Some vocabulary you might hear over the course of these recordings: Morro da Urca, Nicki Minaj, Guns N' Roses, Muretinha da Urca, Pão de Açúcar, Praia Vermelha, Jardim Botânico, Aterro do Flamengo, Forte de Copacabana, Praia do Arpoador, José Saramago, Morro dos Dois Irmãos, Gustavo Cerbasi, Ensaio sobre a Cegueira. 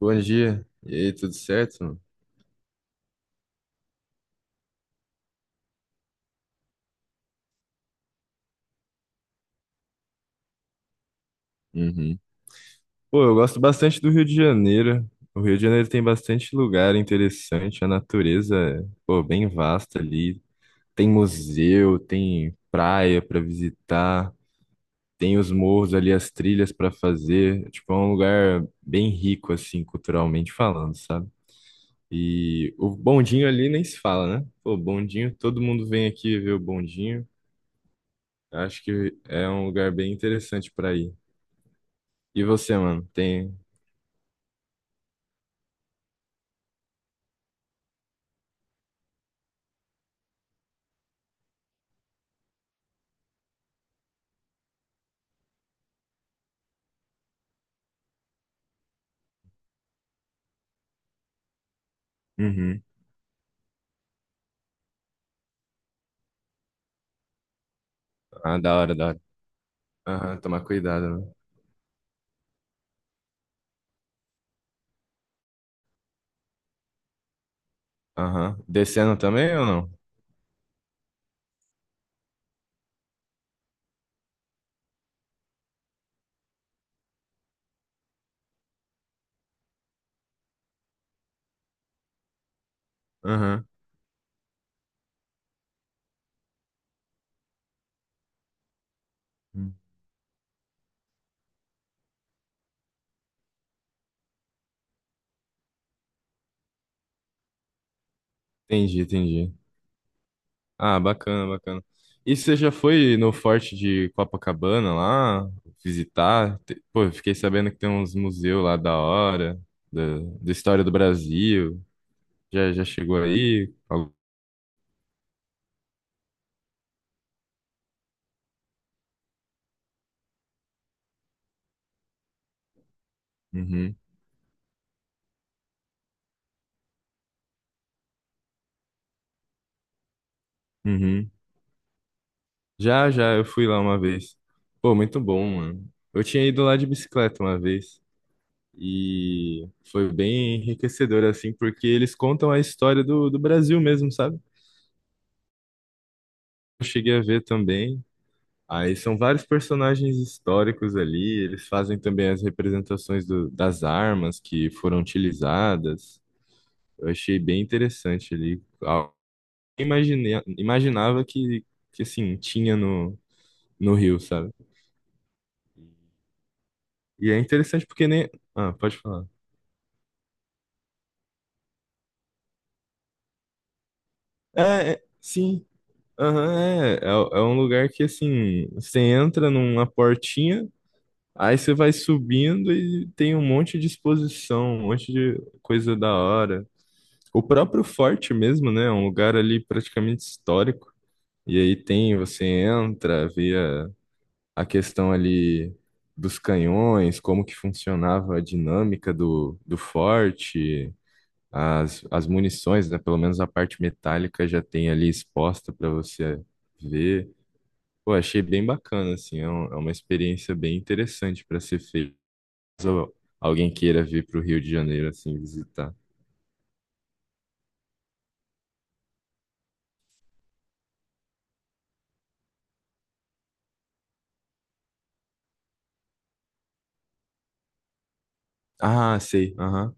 Bom dia. E aí, tudo certo, mano? Uhum. Pô, eu gosto bastante do Rio de Janeiro. O Rio de Janeiro tem bastante lugar interessante, a natureza é, pô, bem vasta ali. Tem museu, tem praia pra visitar, tem os morros ali, as trilhas pra fazer. Tipo, é um lugar bem rico, assim, culturalmente falando, sabe? E o bondinho ali nem se fala, né? Pô, bondinho, todo mundo vem aqui ver o bondinho. Acho que é um lugar bem interessante pra ir. E você, mano, tem. Uhum. Ah, da hora, da hora. Aham, tomar cuidado, né? Aham. Descendo também ou não? Aham. Hum. Entendi, entendi. Ah, bacana, bacana. E você já foi no Forte de Copacabana lá visitar? Pô, eu fiquei sabendo que tem uns museus lá da hora, da, da história do Brasil. Já, já chegou aí? Al- Uhum, uhum. Já, já, eu fui lá uma vez. Pô, muito bom, mano. Eu tinha ido lá de bicicleta uma vez. E foi bem enriquecedor, assim, porque eles contam a história do Brasil mesmo, sabe? Eu cheguei a ver também. Aí são vários personagens históricos ali, eles fazem também as representações das armas que foram utilizadas. Eu achei bem interessante ali. Ah, imaginei, imaginava que assim, tinha no Rio, sabe? E é interessante porque nem. Ah, pode falar. É, é, sim. Aham, é, é, é um lugar que assim, você entra numa portinha, aí você vai subindo e tem um monte de exposição, um monte de coisa da hora. O próprio forte mesmo, né? É um lugar ali praticamente histórico. E aí tem, você entra, a questão ali dos canhões, como que funcionava a dinâmica do forte, as munições, né? Pelo menos a parte metálica já tem ali exposta para você ver. Pô, achei bem bacana, assim, é, é uma experiência bem interessante para ser feita. Caso alguém queira vir para o Rio de Janeiro, assim, visitar. Ah, sei, aham.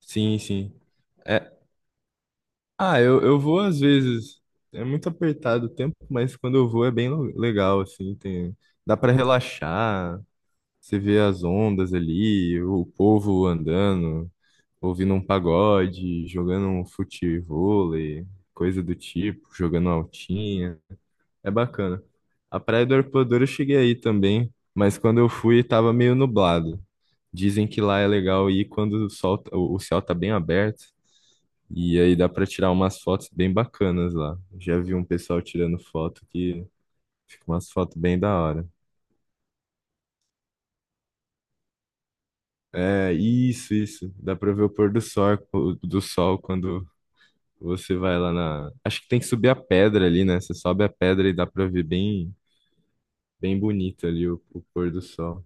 Sim, sim. É, ah, eu vou às vezes, é muito apertado o tempo, mas quando eu vou é bem legal, assim, tem, dá para relaxar, você vê as ondas ali, o povo andando, ouvindo um pagode, jogando um futevôlei, coisa do tipo, jogando altinha. É bacana. A Praia do Arpoador eu cheguei aí também, mas quando eu fui tava meio nublado. Dizem que lá é legal ir quando o sol, o céu tá bem aberto e aí dá pra tirar umas fotos bem bacanas lá. Já vi um pessoal tirando foto que fica umas fotos bem da hora. É, isso, isso. Dá pra ver o pôr do sol, do sol quando você vai lá na. Acho que tem que subir a pedra ali, né? Você sobe a pedra e dá pra ver bem, bem bonito ali o pôr do sol.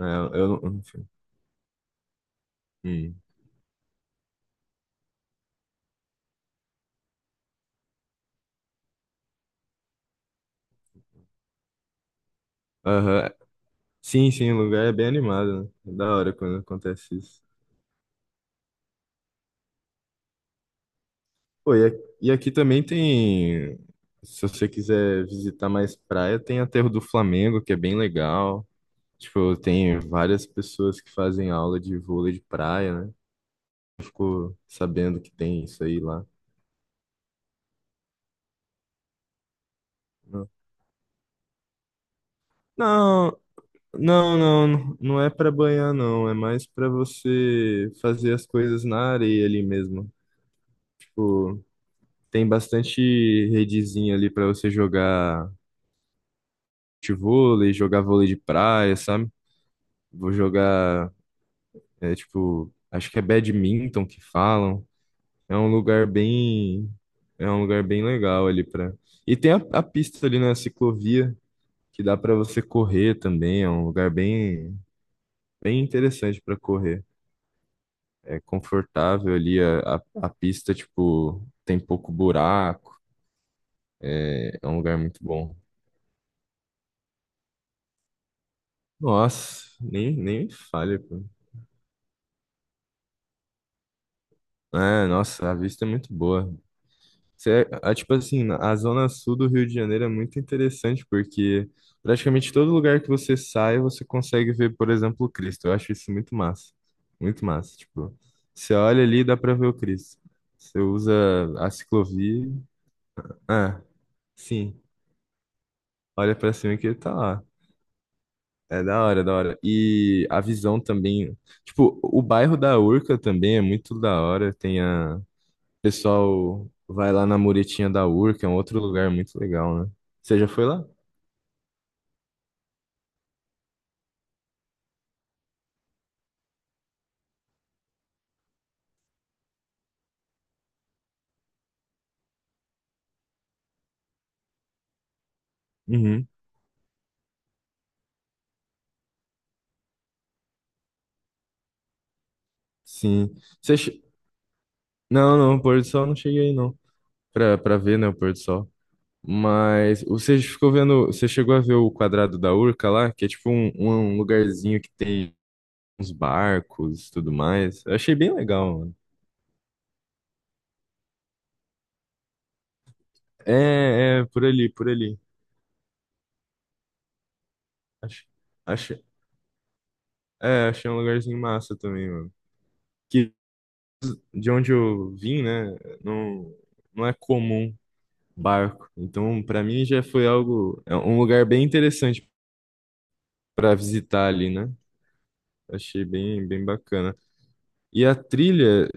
É, eu não. Hum. Aham. Sim, sim, o lugar é bem animado, né? É da hora quando acontece isso. Pô, e aqui também tem. Se você quiser visitar mais praia, tem Aterro do Flamengo, que é bem legal. Tipo, tem várias pessoas que fazem aula de vôlei de praia, né? Ficou sabendo que tem isso aí lá. Não, não, não, não, não é pra banhar, não. É mais pra você fazer as coisas na areia ali mesmo. Tipo, tem bastante redezinha ali pra você jogar vôlei de praia, sabe? Vou jogar, é tipo, acho que é badminton que falam. É um lugar bem, é um lugar bem legal ali pra. E tem a pista ali na ciclovia que dá pra você correr também. É um lugar bem, bem interessante pra correr. É confortável ali a pista, tipo, tem pouco buraco. É um lugar muito bom. Nossa, nem me fale, pô. É, nossa, a vista é muito boa. É, ah, tipo assim, a zona sul do Rio de Janeiro é muito interessante porque praticamente todo lugar que você sai, você consegue ver, por exemplo, o Cristo. Eu acho isso muito massa. Muito massa. Tipo, você olha ali e dá pra ver o Cristo. Você usa a ciclovia. Ah, sim. Olha pra cima que ele tá lá. É da hora, da hora. E a visão também. Tipo, o bairro da Urca também é muito da hora. Tem a pessoal vai lá na Muretinha da Urca, é um outro lugar muito legal, né? Você já foi lá? Uhum. Sim. Você... che- Não, não, o pôr do sol eu não cheguei aí, não. Pra ver, né, o pôr do sol. Mas você ficou vendo, você chegou a ver o quadrado da Urca lá, que é tipo um, um lugarzinho que tem uns barcos e tudo mais. Eu achei bem legal, mano. É, é, por ali, por ali. Acho, acho, é, achei um lugarzinho massa também, mano. Que de onde eu vim, né, não, não é comum barco. Então, para mim já foi algo, é um lugar bem interessante para visitar ali, né? Achei bem, bem bacana. E a trilha,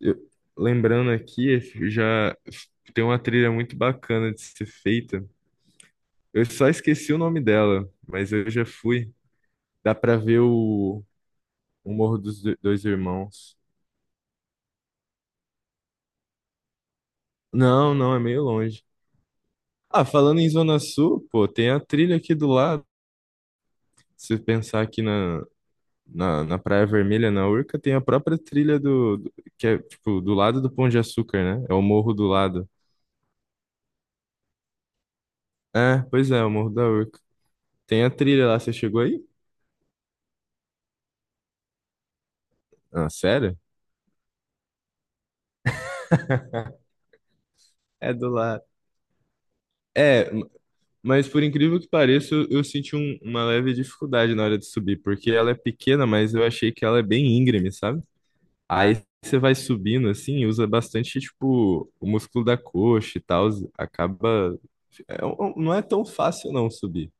eu- lembrando aqui, já tem uma trilha muito bacana de ser feita. Eu só esqueci o nome dela, mas eu já fui. Dá para ver o Dois Irmãos. Não, não, é meio longe. Ah, falando em Zona Sul, pô, tem a trilha aqui do lado. Se pensar aqui na, na Praia Vermelha, na Urca, tem a própria trilha que é, tipo, do lado do Pão de Açúcar, né? É o morro do lado. É, pois é, o morro da Urca. Tem a trilha lá, você chegou aí? Ah, sério? É do lado. É, mas por incrível que pareça, eu senti uma leve dificuldade na hora de subir, porque ela é pequena, mas eu achei que ela é bem íngreme, sabe? Aí você vai subindo assim, usa bastante, tipo, o músculo da coxa e tal, acaba. É não é tão fácil não subir.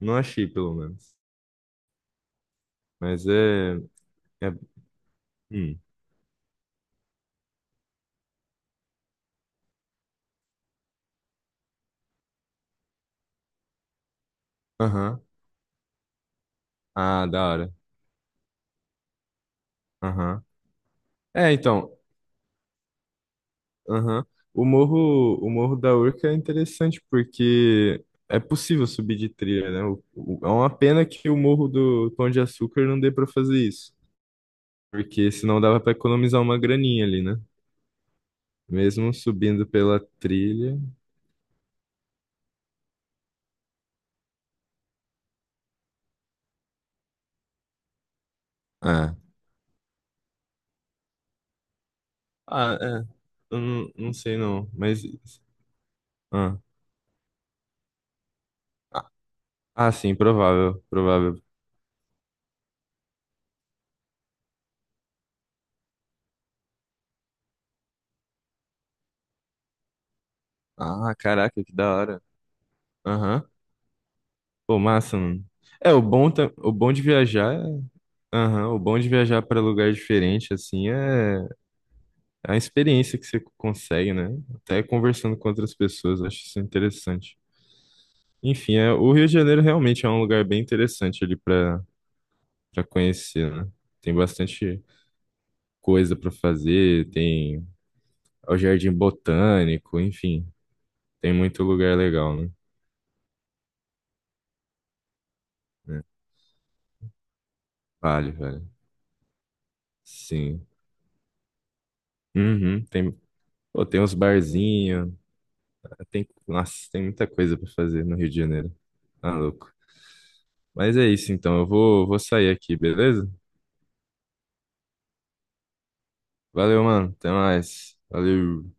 Não achei, pelo menos. Mas é. É... Hum. Aham. Ah, da hora. Aham. É, então. Aham. O Morro da Urca é interessante porque é possível subir de trilha, né? É uma pena que o Morro do Pão de Açúcar não dê pra fazer isso. Porque senão dava pra economizar uma graninha ali, né? Mesmo subindo pela trilha. Ah. Ah, é. Eu não, não sei não. Mas. Ah. Ah, sim, provável. Provável. Ah, caraca, que da hora. Aham. Pô, massa, mano. É, o bom, o bom de viajar, aham, o bom de viajar para lugar diferente, assim, é a experiência que você consegue, né? Até conversando com outras pessoas, eu acho isso interessante. Enfim, é, o Rio de Janeiro realmente é um lugar bem interessante ali para conhecer, né? Tem bastante coisa para fazer, tem o Jardim Botânico, enfim, tem muito lugar legal, né? É, vale, velho. Sim. Uhum, tem, pô, tem uns barzinhos. Tem, nossa, tem muita coisa pra fazer no Rio de Janeiro. Tá louco. Mas é isso, então. Eu vou, vou sair aqui, beleza? Valeu, mano. Até mais. Valeu.